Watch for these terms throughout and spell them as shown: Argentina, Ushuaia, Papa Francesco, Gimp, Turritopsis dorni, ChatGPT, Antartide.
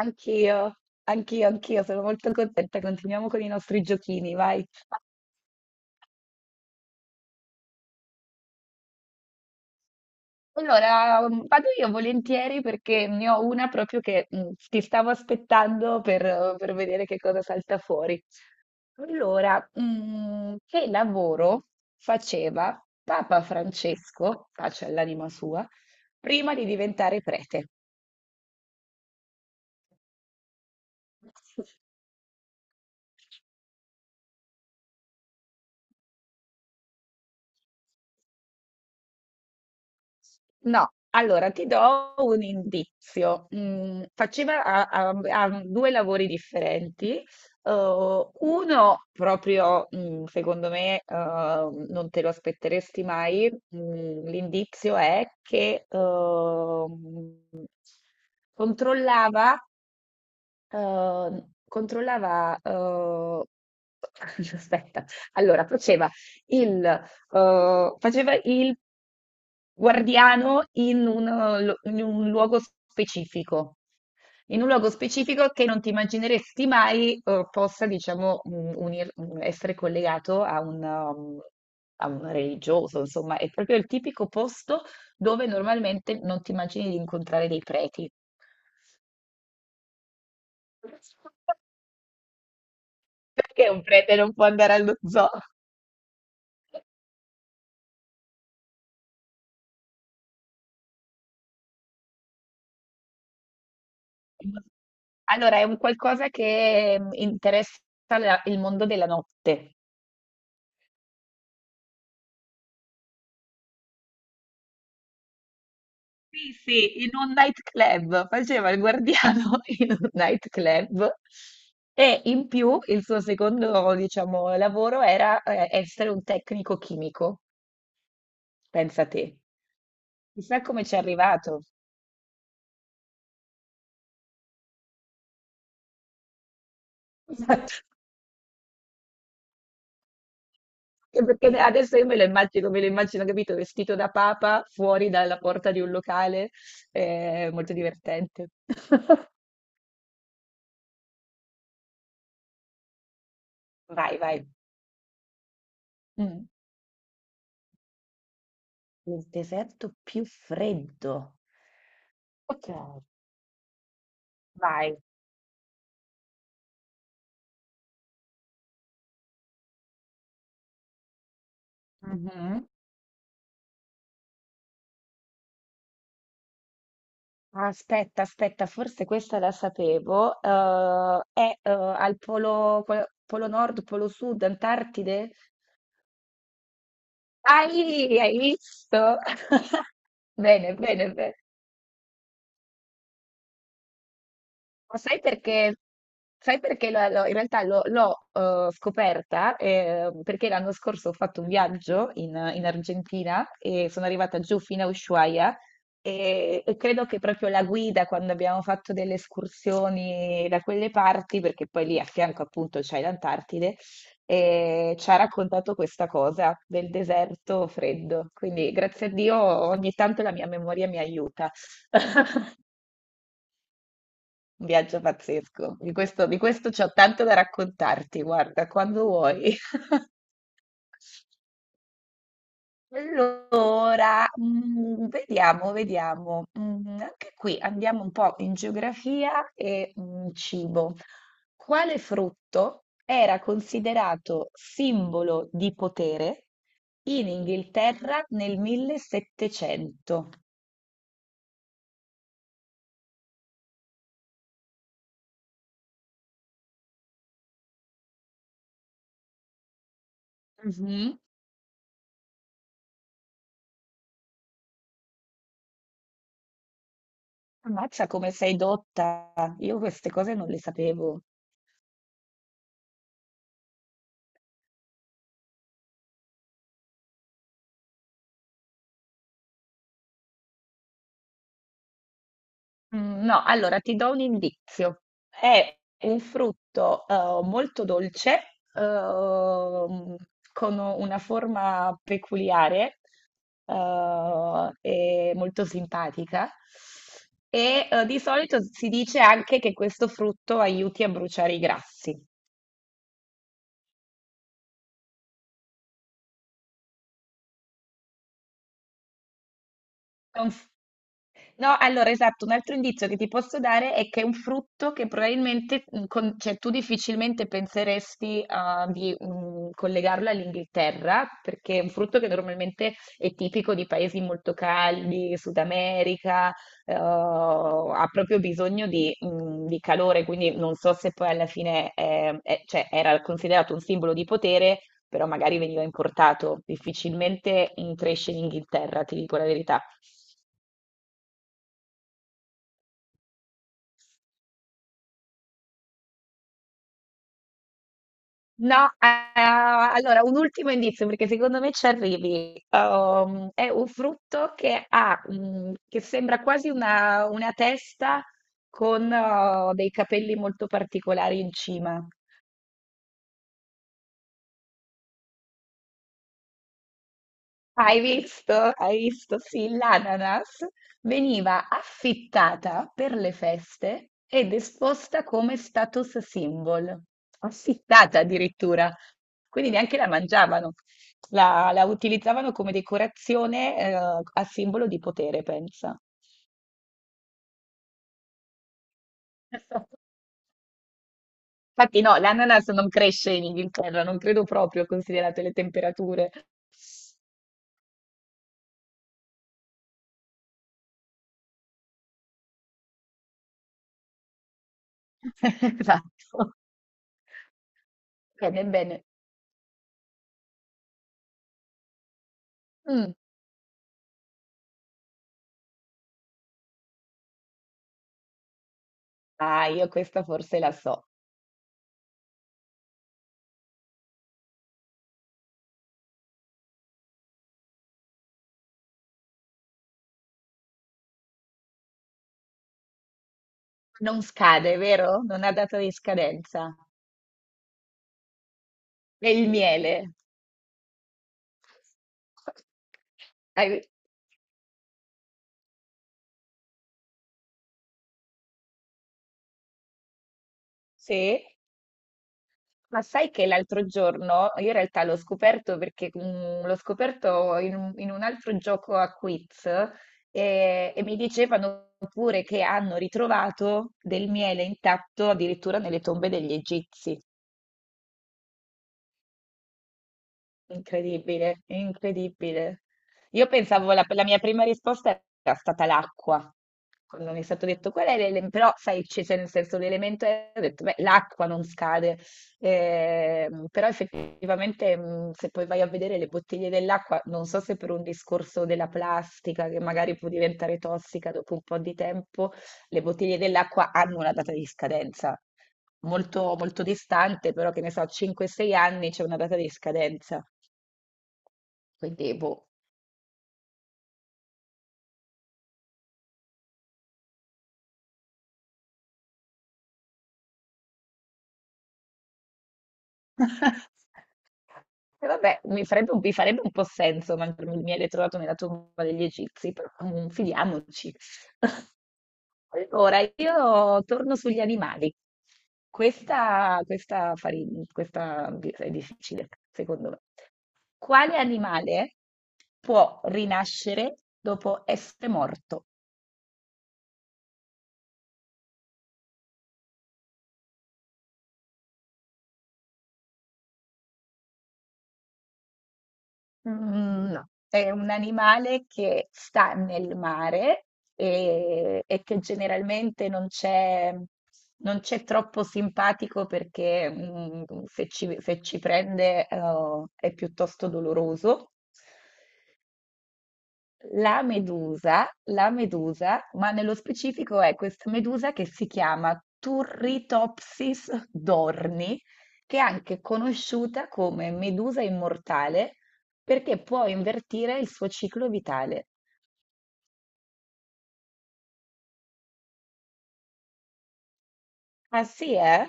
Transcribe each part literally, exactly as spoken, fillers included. Anch'io, anch'io, anch'io, sono molto contenta. Continuiamo con i nostri giochini, vai. Allora, mm, vado io volentieri perché ne ho una proprio che mm, ti stavo aspettando per, uhm, per vedere che cosa salta fuori. Allora, mm, che lavoro faceva Papa Francesco, pace all'anima sua, prima di diventare prete? No, allora ti do un indizio. Mm, faceva a- a- a due lavori differenti. Eh, uno proprio, mm, secondo me, eh, non te lo aspetteresti mai. Mm, l'indizio è che ehm, controllava, eh, controllava, eh, aspetta, allora faceva il, eh, faceva il guardiano in un, lu- in un luogo specifico, in un luogo specifico che non ti immagineresti mai eh, possa, diciamo, mm, unir- mm, essere collegato a un, um, a un religioso, insomma, è proprio il tipico posto dove normalmente non ti immagini di incontrare dei preti. Perché un prete non può andare allo zoo? Allora, è un qualcosa che mm, interessa la- il mondo della notte. Sì, sì, in un nightclub, faceva il guardiano in un nightclub e in più il suo secondo, diciamo, lavoro era eh, essere un tecnico chimico, pensa te. Chissà come ci è arrivato. Esatto. Anche perché adesso io me lo immagino, me lo immagino, capito, vestito da papa fuori dalla porta di un locale, eh, molto divertente. Vai, vai. Mm. Il deserto più freddo. Ok, vai. Mhm. Aspetta, aspetta, forse questa la sapevo. eh, è eh, al polo, polo- polo nord, polo sud, Antartide? Ah, lì, hai visto? Bene, bene, bene. Ma sai perché? Sai perché lo- lo- in realtà lo- l'ho eh, scoperta? Eh, perché l'anno scorso ho fatto un viaggio in, in Argentina e sono arrivata giù fino a Ushuaia e, e credo che proprio la guida quando abbiamo fatto delle escursioni da quelle parti, perché poi lì a fianco appunto c'è l'Antartide, eh, ci ha raccontato questa cosa del deserto freddo. Quindi grazie a Dio ogni tanto la mia memoria mi aiuta. Un viaggio pazzesco. Di questo, di questo c'ho tanto da raccontarti, guarda, quando vuoi. Allora, mm, vediamo, vediamo. Mm, anche qui andiamo un po' in geografia e mm, cibo. Quale frutto era considerato simbolo di potere in Inghilterra nel millesettecento? Mhm. Ammazza come sei dotta. Io queste cose non le sapevo. Mm, No, allora ti do un indizio. È un frutto eh, molto dolce, ehm, con una forma peculiare eh, e molto simpatica. E eh, di solito si dice anche che questo frutto aiuti a bruciare i grassi. Conf- No, allora esatto, un altro indizio che ti posso dare è che è un frutto che probabilmente, mm, con- cioè tu difficilmente penseresti ah, di mm, collegarlo all'Inghilterra, perché è un frutto che normalmente è tipico di paesi molto caldi, Sud America, eh, ha proprio bisogno di, mm, di calore, quindi non so se poi alla fine eh, eh, cioè, era considerato un simbolo di potere, però magari veniva importato, difficilmente mm, cresce in Inghilterra, ti dico la verità. No, eh, allora un ultimo indizio perché secondo me ci arrivi. Um, è un frutto che ha, mm, che sembra quasi una, una testa con oh, dei capelli molto particolari in cima. Hai visto? Hai visto? Sì, l'ananas veniva affittata per le feste ed esposta come status symbol, affittata addirittura. Quindi neanche la mangiavano, la, la utilizzavano come decorazione, eh, a simbolo di potere, pensa. Infatti no, l'ananas non cresce in Inghilterra, non credo proprio, considerate le temperature. Esatto. Bene, bene. Mm. Ah, io questa forse la so. Non scade, vero? Non ha data di scadenza. È il miele. Hai- Sì, ma sai che l'altro giorno, io in realtà l'ho scoperto perché mm, l'ho scoperto in un, in un altro gioco a quiz e, e mi dicevano pure che hanno ritrovato del miele intatto addirittura nelle tombe degli egizi. Incredibile, incredibile. Io pensavo, la, la mia prima risposta era stata l'acqua, quando mi è stato detto qual è l'elemento, però sai, c'è c'è nel senso l'elemento, è- ho detto, beh, l'acqua non scade. Ehm, però effettivamente mh, se poi vai a vedere le bottiglie dell'acqua, non so se per un discorso della plastica che magari può diventare tossica dopo un po' di tempo, le bottiglie dell'acqua hanno una data di scadenza molto, molto distante, però che ne so, cinque sei anni c'è una data di scadenza. Quindi, boh. E vabbè, mi farebbe un, mi farebbe un po' senso mancarmi il miele trovato nella tomba degli Egizi, però mm, fidiamoci. Allora, io torno sugli animali. Questa, questa, fari- questa di- è difficile, secondo me. Quale animale può rinascere dopo essere morto? Mhmm, no, è un animale che sta nel mare e e che generalmente non c'è non c'è troppo simpatico perché, mhmm, se ci se ci prende, uhm, è piuttosto doloroso. La medusa, la medusa, ma nello specifico è questa medusa che si chiama Turritopsis dorni, che è anche conosciuta come medusa immortale perché può invertire il suo ciclo vitale. Ah sì, eh?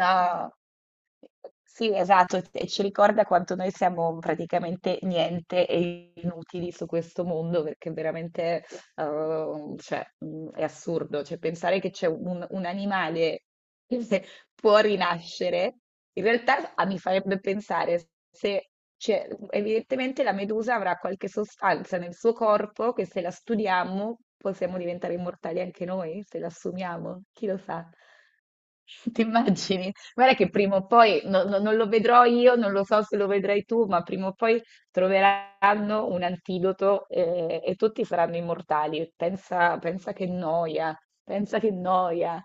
No, sì, esatto, e ci ricorda quanto noi siamo praticamente niente e inutili su questo mondo, perché veramente, eh, cioè, mh, è assurdo, cioè, pensare che c'è un, un animale che se- può rinascere, in realtà ah, mi farebbe pensare se, c'è- evidentemente la medusa avrà qualche sostanza nel suo corpo che se la studiamo possiamo diventare immortali anche noi, se la assumiamo, chi lo sa. Ti immagini? Guarda che prima o poi, no- no- non lo vedrò io, non lo so se lo vedrai tu, ma prima o poi troveranno un antidoto eh, e, tutti saranno immortali. Pensa, pensa che noia, pensa che noia.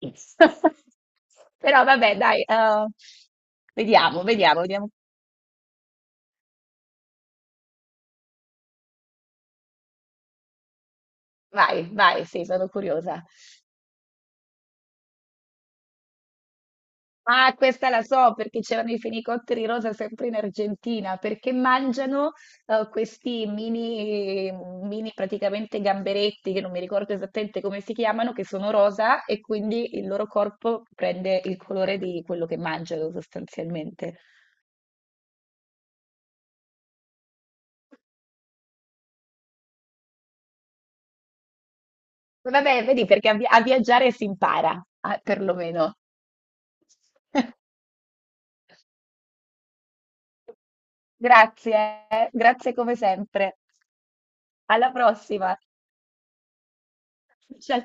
Però vabbè, dai, eh, vediamo, vediamo, vediamo. Vai, vai, sì, sono curiosa. Ah, questa la so perché c'erano i fenicotteri rosa sempre in Argentina, perché mangiano eh, questi mini, mini praticamente gamberetti, che non mi ricordo esattamente come si chiamano, che sono rosa e quindi il loro corpo prende il colore di quello che mangiano sostanzialmente. Vabbè, vedi, perché a, vi- a viaggiare si impara, ah, perlomeno. Grazie, eh, grazie come sempre. Alla prossima. Ciao.